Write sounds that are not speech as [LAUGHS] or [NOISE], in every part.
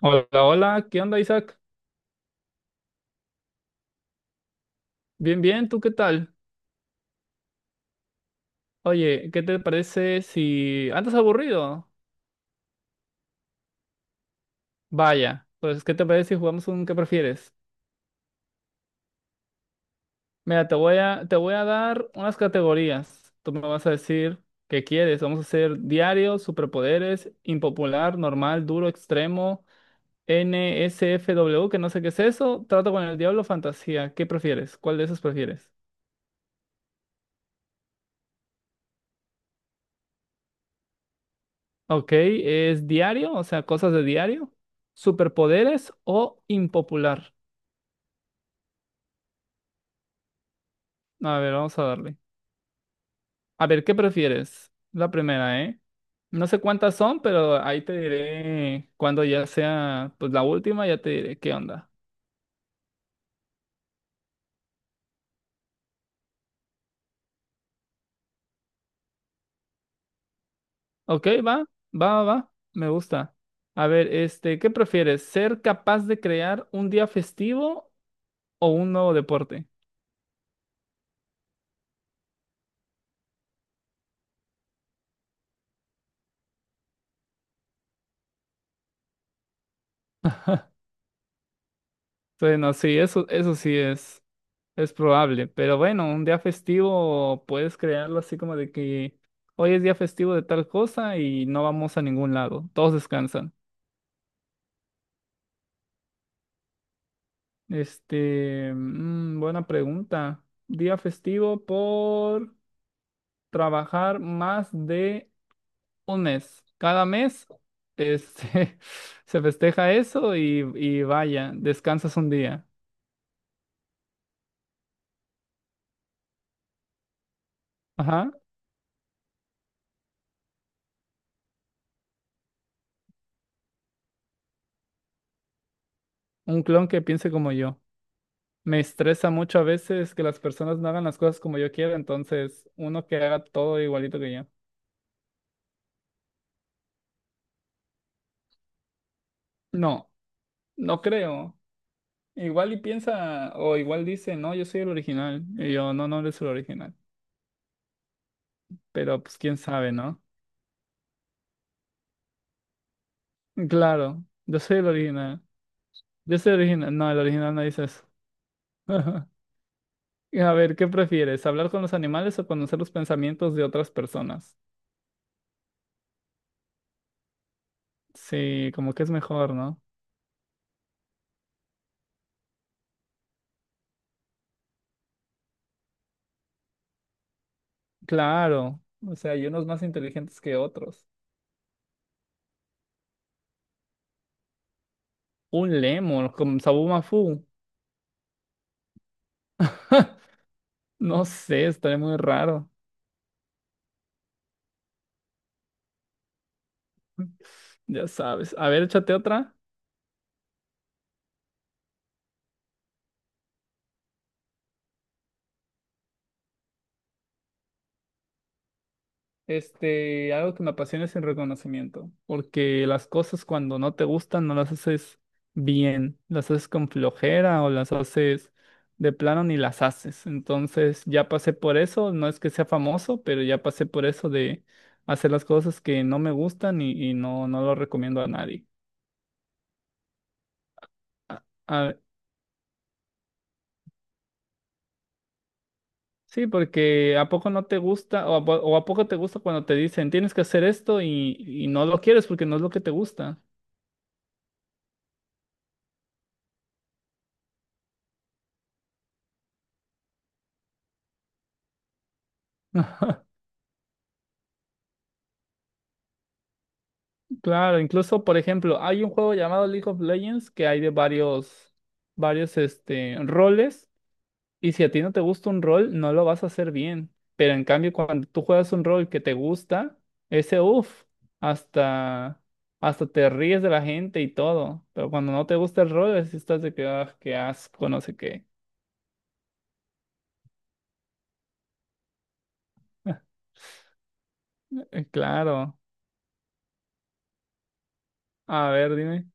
Hola, hola, ¿qué onda, Isaac? Bien, bien, ¿tú qué tal? Oye, ¿qué te parece si... ¿Andas aburrido? Vaya, pues, ¿qué te parece si jugamos un qué prefieres? Mira, te voy a dar unas categorías. Tú me vas a decir qué quieres. Vamos a hacer diario, superpoderes, impopular, normal, duro, extremo, NSFW, que no sé qué es eso, trato con el diablo, fantasía. ¿Qué prefieres? ¿Cuál de esos prefieres? Ok, ¿es diario? O sea, cosas de diario. ¿Superpoderes o impopular? A ver, vamos a darle. A ver, ¿qué prefieres? La primera, ¿eh? No sé cuántas son, pero ahí te diré cuando ya sea, pues la última, ya te diré qué onda. Ok, va, va, va, va, me gusta. A ver, ¿qué prefieres? ¿Ser capaz de crear un día festivo o un nuevo deporte? Bueno, sí, eso sí es. Es probable, pero bueno, un día festivo puedes crearlo así como de que hoy es día festivo de tal cosa y no vamos a ningún lado, todos descansan. Buena pregunta. Día festivo por trabajar más de un mes. Cada mes, este, [LAUGHS] se festeja eso y vaya, descansas un día. Ajá, un clon que piense como yo. Me estresa mucho a veces que las personas no hagan las cosas como yo quiero, entonces uno que haga todo igualito que yo. No, no creo. Igual y piensa, o igual dice, no, yo soy el original. Y yo, no, no eres el original. Pero pues quién sabe, ¿no? Claro, yo soy el original. Yo soy el original. No, el original no dice eso. [LAUGHS] A ver, ¿qué prefieres? ¿Hablar con los animales o conocer los pensamientos de otras personas? Sí, como que es mejor, ¿no? Claro, o sea, hay unos más inteligentes que otros. Un lemon con sabor mafú. [LAUGHS] No sé, estaría muy raro. Ya sabes. A ver, échate otra. Este, algo que me apasiona es el reconocimiento, porque las cosas cuando no te gustan no las haces bien, las haces con flojera o las haces de plano ni las haces. Entonces, ya pasé por eso, no es que sea famoso, pero ya pasé por eso de hacer las cosas que no me gustan y no, no lo recomiendo a nadie. A, a Sí, porque ¿a poco no te gusta o a poco te gusta cuando te dicen tienes que hacer esto y no lo quieres porque no es lo que te gusta? [LAUGHS] Claro, incluso por ejemplo, hay un juego llamado League of Legends que hay de varios roles y si a ti no te gusta un rol, no lo vas a hacer bien. Pero en cambio, cuando tú juegas un rol que te gusta, ese uff, hasta, hasta te ríes de la gente y todo. Pero cuando no te gusta el rol, así estás de que, ah, qué asco, no sé qué. Claro. A ver, dime.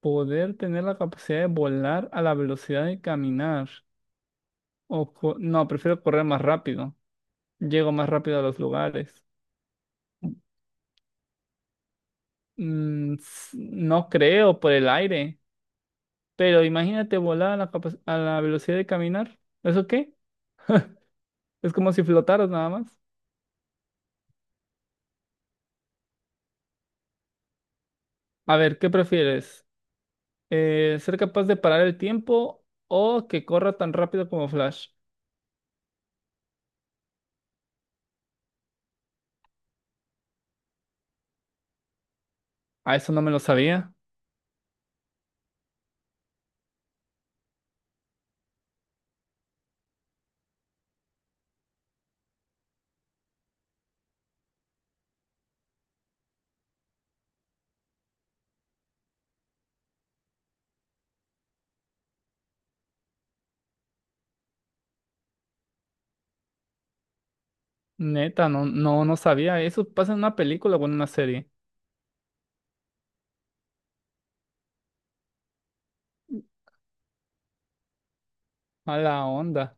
Poder tener la capacidad de volar a la velocidad de caminar. No, prefiero correr más rápido. Llego más rápido a los lugares. No creo por el aire. Pero imagínate volar a la velocidad de caminar. ¿Eso qué? Es como si flotaras nada más. A ver, ¿qué prefieres? ¿Ser capaz de parar el tiempo o que corra tan rápido como Flash? A eso no me lo sabía. Neta, no, no, no sabía. Eso pasa en una película o en una serie. A la onda.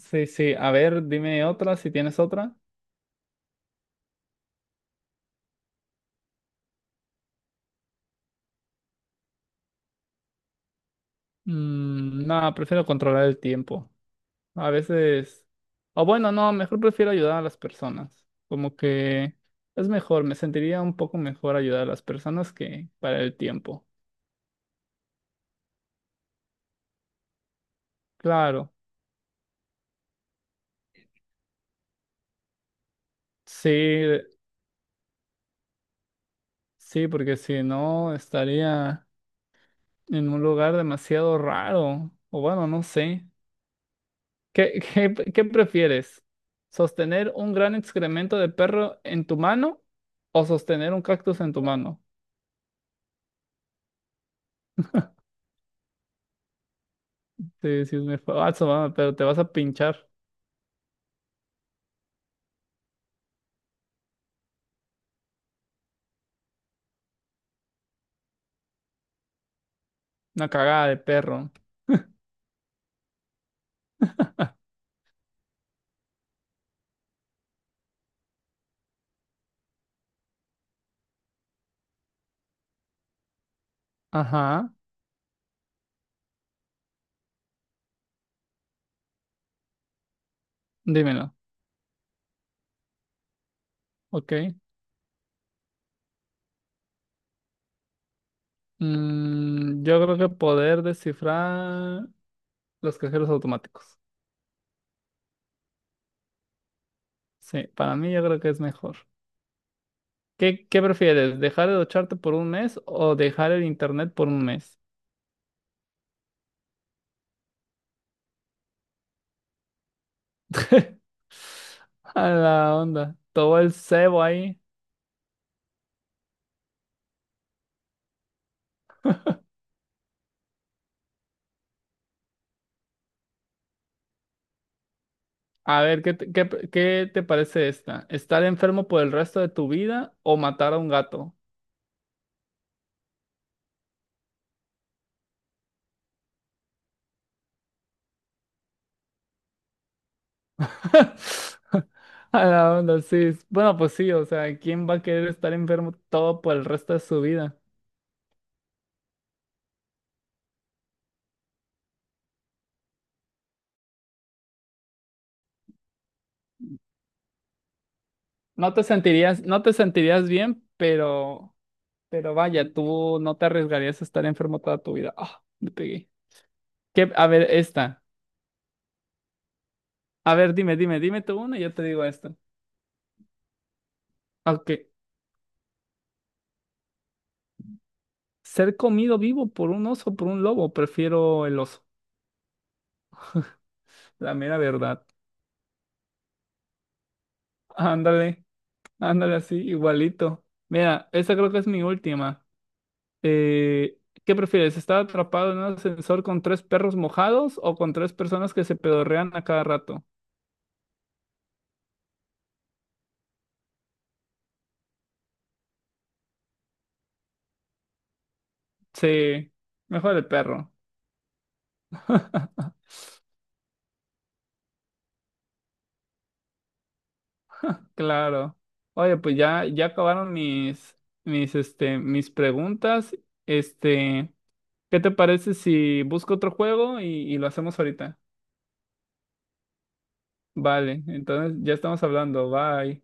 Sí, sí. A ver, dime otra, si tienes otra. No, prefiero controlar el tiempo. A veces. O bueno, no, mejor prefiero ayudar a las personas. Como que es mejor, me sentiría un poco mejor ayudar a las personas que para el tiempo. Claro. Sí, sí, porque si no estaría en un lugar demasiado raro. O bueno, no sé. ¿Qué prefieres? ¿Sostener un gran excremento de perro en tu mano o sostener un cactus en tu mano? Sí, sí, es muy falso, va, pero te vas a pinchar una cagada de perro. Ajá, dímelo. Ok. Yo creo que poder descifrar los cajeros automáticos. Sí, para mí yo creo que es mejor. ¿Qué, qué prefieres? ¿Dejar de ducharte por un mes o dejar el internet por un mes? [LAUGHS] A la onda. Todo el cebo ahí. A ver, ¿qué te, qué, qué te parece esta? ¿Estar enfermo por el resto de tu vida o matar a un gato? [LAUGHS] A la onda, sí. Bueno, pues sí, o sea, ¿quién va a querer estar enfermo todo por el resto de su vida? No te sentirías bien, pero vaya, tú no te arriesgarías a estar enfermo toda tu vida. Ah, me pegué. ¿Qué? A ver, esta. A ver, dime, dime, dime tú una y yo te digo esta. Ok. Ser comido vivo por un oso, o por un lobo, prefiero el oso. La mera verdad. Ándale, ándale así, igualito. Mira, esa creo que es mi última. Eh, ¿Qué prefieres? ¿Estar atrapado en un ascensor con tres perros mojados o con tres personas que se pedorrean a cada rato? Sí, mejor el perro. [LAUGHS] Claro. Oye, pues ya, ya acabaron mis preguntas. Este, ¿qué te parece si busco otro juego y lo hacemos ahorita? Vale, entonces ya estamos hablando. Bye.